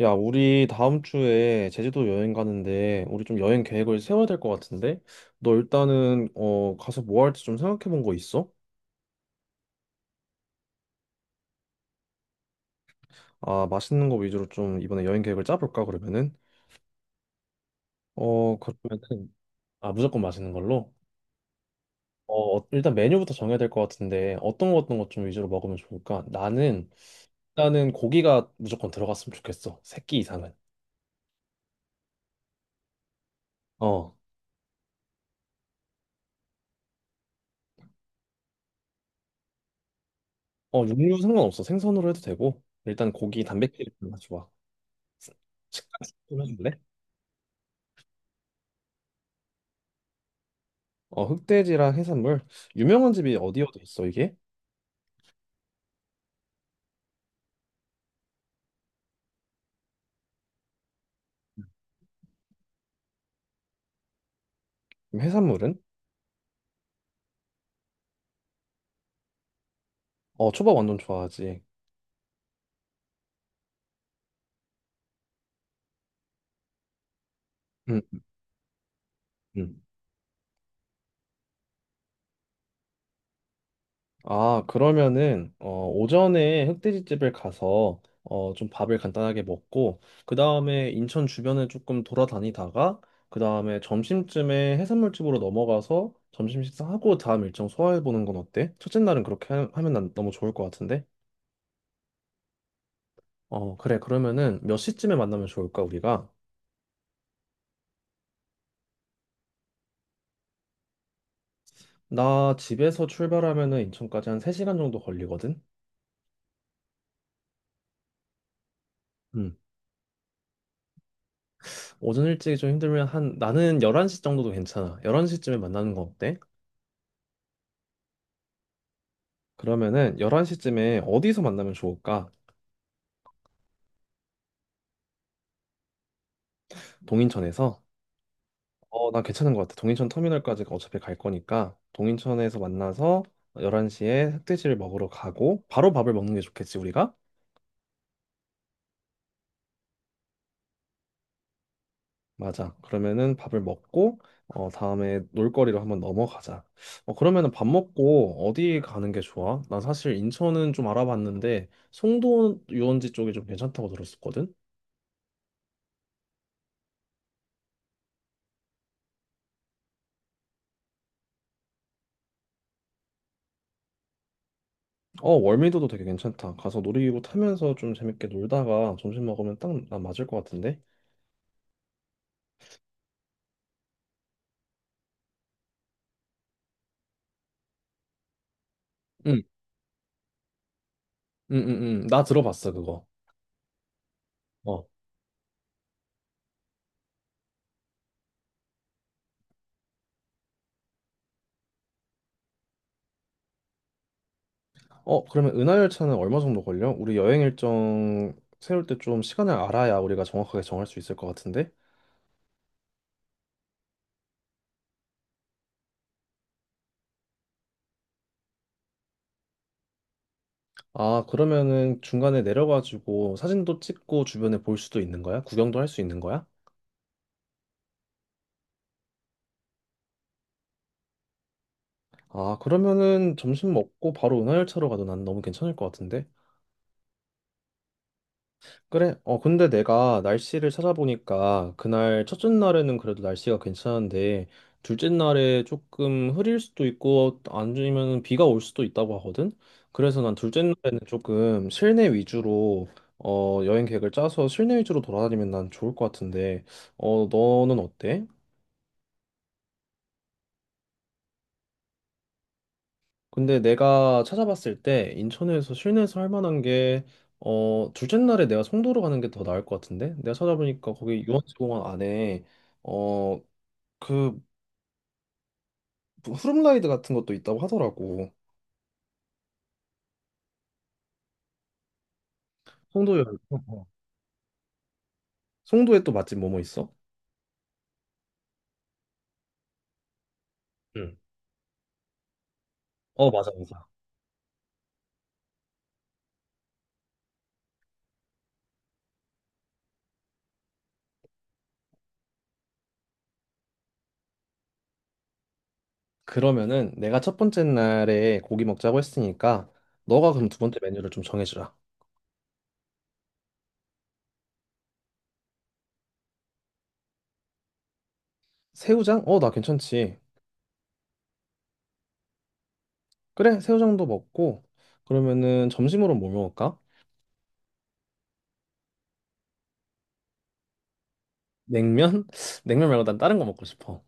야, 우리 다음 주에 제주도 여행 가는데 우리 좀 여행 계획을 세워야 될 것 같은데 너 일단은 가서 뭐 할지 좀 생각해 본 거 있어? 아, 맛있는 거 위주로 좀 이번에 여행 계획을 짜볼까 그러면은. 그러면은. 아, 무조건 맛있는 걸로. 일단 메뉴부터 정해야 될 것 같은데 어떤 거 어떤 것 좀 위주로 먹으면 좋을까? 나는 일단은 고기가 무조건 들어갔으면 좋겠어. 새끼 이상은. 어어. 육류 상관없어. 생선으로 해도 되고. 일단 고기 단백질이 좋아. 식감 좀 해줄래? 어, 흑돼지랑 해산물. 유명한 집이 어디 어디 있어, 이게? 그럼 해산물은? 어, 초밥 완전 좋아하지. 음. 음. 아, 그러면은 오전에 흑돼지집을 가서 좀 밥을 간단하게 먹고 그다음에 인천 주변을 조금 돌아다니다가 그다음에 점심쯤에 해산물집으로 넘어가서 점심 식사하고 다음 일정 소화해 보는 건 어때? 첫째 날은 그렇게 하면 난 너무 좋을 것 같은데. 어, 그래. 그러면은 몇 시쯤에 만나면 좋을까, 우리가? 나 집에서 출발하면은 인천까지 한 3시간 정도 걸리거든? 음. 오전 일찍이 좀 힘들면 한, 나는 11시 정도도 괜찮아. 11시쯤에 만나는 거 어때? 그러면은 11시쯤에 어디서 만나면 좋을까? 동인천에서? 어, 나 괜찮은 것 같아. 동인천 터미널까지 어차피 갈 거니까 동인천에서 만나서 11시에 흑돼지를 먹으러 가고 바로 밥을 먹는 게 좋겠지, 우리가? 맞아. 그러면은 밥을 먹고 다음에 놀거리로 한번 넘어가자. 그러면은 밥 먹고 어디 가는 게 좋아? 난 사실 인천은 좀 알아봤는데 송도 유원지 쪽이 좀 괜찮다고 들었었거든. 어, 월미도도 되게 괜찮다. 가서 놀이기구 타면서 좀 재밌게 놀다가 점심 먹으면 딱 나 맞을 것 같은데. 응, 응, 응, 응. 나 들어봤어, 그거. 어. 그러면 은하열차는 얼마 정도 걸려? 우리 여행 일정 세울 때 좀 시간을 알아야 우리가 정확하게 정할 수 있을 것 같은데. 아, 그러면은 중간에 내려가지고 사진도 찍고 주변에 볼 수도 있는 거야? 구경도 할 수 있는 거야? 아, 그러면은 점심 먹고 바로 은하열차로 가도 난 너무 괜찮을 것 같은데? 그래. 근데 내가 날씨를 찾아보니까 그날 첫째 날에는 그래도 날씨가 괜찮은데 둘째 날에 조금 흐릴 수도 있고 아니면 비가 올 수도 있다고 하거든? 그래서 난 둘째 날에는 조금 실내 위주로 여행 계획을 짜서 실내 위주로 돌아다니면 난 좋을 것 같은데. 너는 어때? 근데 내가 찾아봤을 때 인천에서 실내에서 할 만한 게 둘째 날에 내가 송도로 가는 게 더 나을 것 같은데, 내가 찾아보니까 거기 유원지공원 안에 어, 그 후룸라이드 같은 것도 있다고 하더라고. 송도에. 어. 송도에 또 맛집 뭐뭐 있어? 응. 맞아, 맞아. 그러면은 내가 첫 번째 날에 고기 먹자고 했으니까 너가 그럼 두 번째 메뉴를 좀 정해주라. 새우장? 나 괜찮지. 그래, 새우장도 먹고 그러면은 점심으로 뭐 먹을까? 냉면? 냉면 말고 난 다른 거 먹고 싶어.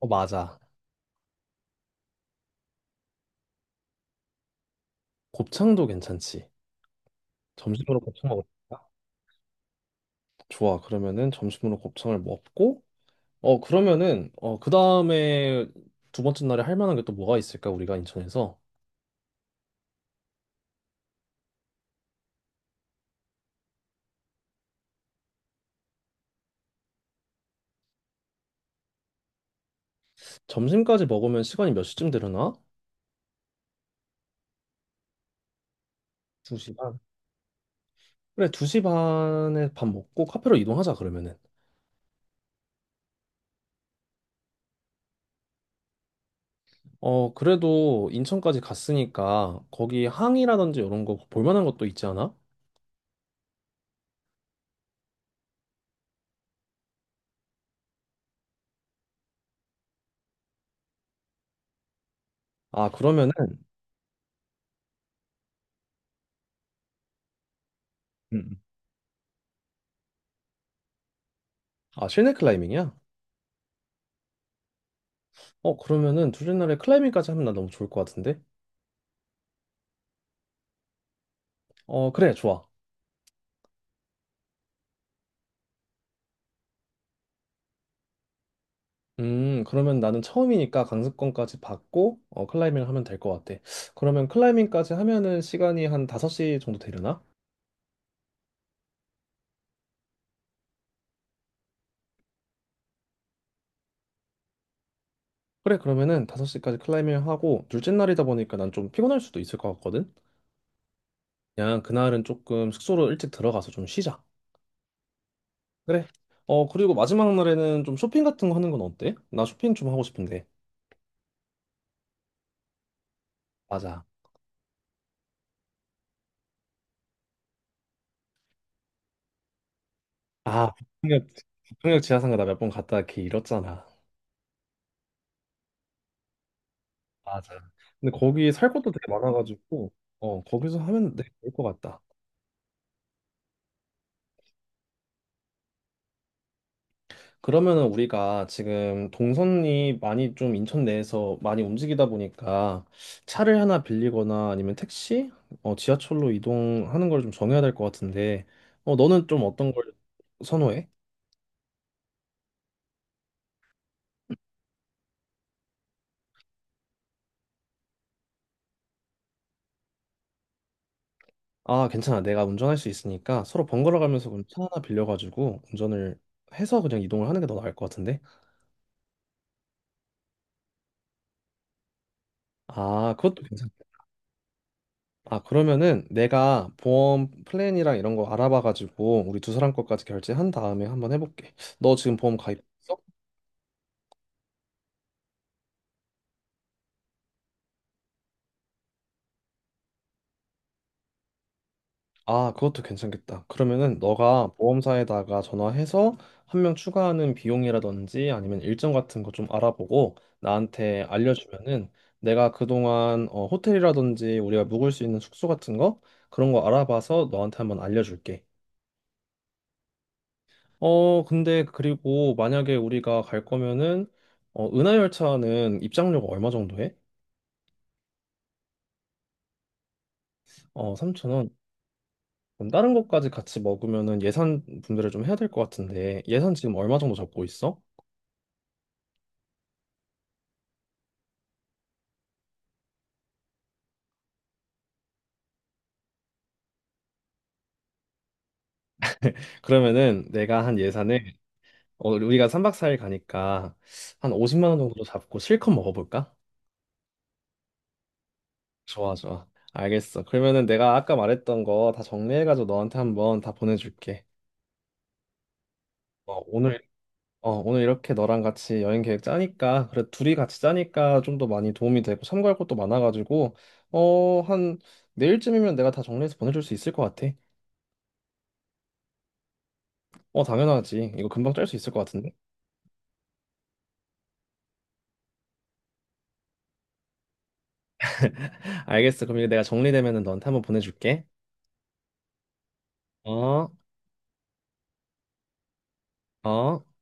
어, 맞아. 곱창도 괜찮지. 점심으로 곱창 먹을까? 좋아. 그러면은 점심으로 곱창을 먹고, 그러면은, 그 다음에 두 번째 날에 할 만한 게 또 뭐가 있을까, 우리가 인천에서? 점심까지 먹으면 시간이 몇 시쯤 되려나? 2시 반. 그래, 2시 반에 밥 먹고 카페로 이동하자, 그러면은. 어, 그래도 인천까지 갔으니까 거기 항이라든지 이런 거 볼 만한 것도 있지 않아? 아, 그러면은. 음. 아, 실내 클라이밍이야? 그러면은 둘째 날에 클라이밍까지 하면 나 너무 좋을 것 같은데? 어, 그래, 좋아. 그러면 나는 처음이니까 강습권까지 받고, 클라이밍을 하면 될 것 같아. 그러면 클라이밍까지 하면은 시간이 한 5시 정도 되려나? 그래, 그러면은 5시까지 클라이밍 하고, 둘째 날이다 보니까 난 좀 피곤할 수도 있을 것 같거든? 그냥 그날은 조금 숙소로 일찍 들어가서 좀 쉬자. 그래. 그리고 마지막 날에는 좀 쇼핑 같은 거 하는 건 어때? 나 쇼핑 좀 하고 싶은데. 맞아. 아, 북풍역 지하상가 나 몇 번 갔다 걔 잃었잖아. 맞아. 근데 거기 살 것도 되게 많아가지고, 거기서 하면 되게 좋을 것 같다. 그러면은 우리가 지금 동선이 많이 좀 인천 내에서 많이 움직이다 보니까 차를 하나 빌리거나 아니면 택시, 지하철로 이동하는 걸 좀 정해야 될 것 같은데, 너는 좀 어떤 걸 선호해? 아, 괜찮아. 내가 운전할 수 있으니까 서로 번갈아 가면서 그럼 차 하나 빌려가지고 운전을 해서 그냥 이동을 하는 게 더 나을 것 같은데? 아, 그것도 괜찮아. 아, 그러면은 내가 보험 플랜이랑 이런 거 알아봐가지고 우리 두 사람 것까지 결제한 다음에 한번 해볼게. 너 지금 보험 가입했어? 아, 그것도 괜찮겠다. 그러면은 너가 보험사에다가 전화해서 한 명 추가하는 비용이라든지 아니면 일정 같은 거 좀 알아보고 나한테 알려주면은 내가 그동안 호텔이라든지 우리가 묵을 수 있는 숙소 같은 거 그런 거 알아봐서 너한테 한번 알려줄게. 근데 그리고 만약에 우리가 갈 거면은 은하열차는 입장료가 얼마 정도 해? 어, 3천 원. 그럼 다른 것까지 같이 먹으면은 예산 분배를 좀 해야 될 것 같은데 예산 지금 얼마 정도 잡고 있어? 그러면은 내가 한 예산을 우리가 3박 4일 가니까 한 50만 원 정도로 잡고 실컷 먹어볼까? 좋아, 좋아. 알겠어. 그러면은 내가 아까 말했던 거 다 정리해가지고 너한테 한번 다 보내줄게. 어, 오늘 오늘 이렇게 너랑 같이 여행 계획 짜니까, 그래, 둘이 같이 짜니까 좀 더 많이 도움이 되고, 참고할 것도 많아가지고, 어, 한, 내일쯤이면 내가 다 정리해서 보내줄 수 있을 것 같아. 어, 당연하지. 이거 금방 짤 수 있을 것 같은데. 알겠어. 그럼 이거 내가 정리되면은 너한테 한번 보내줄게. 어, 어.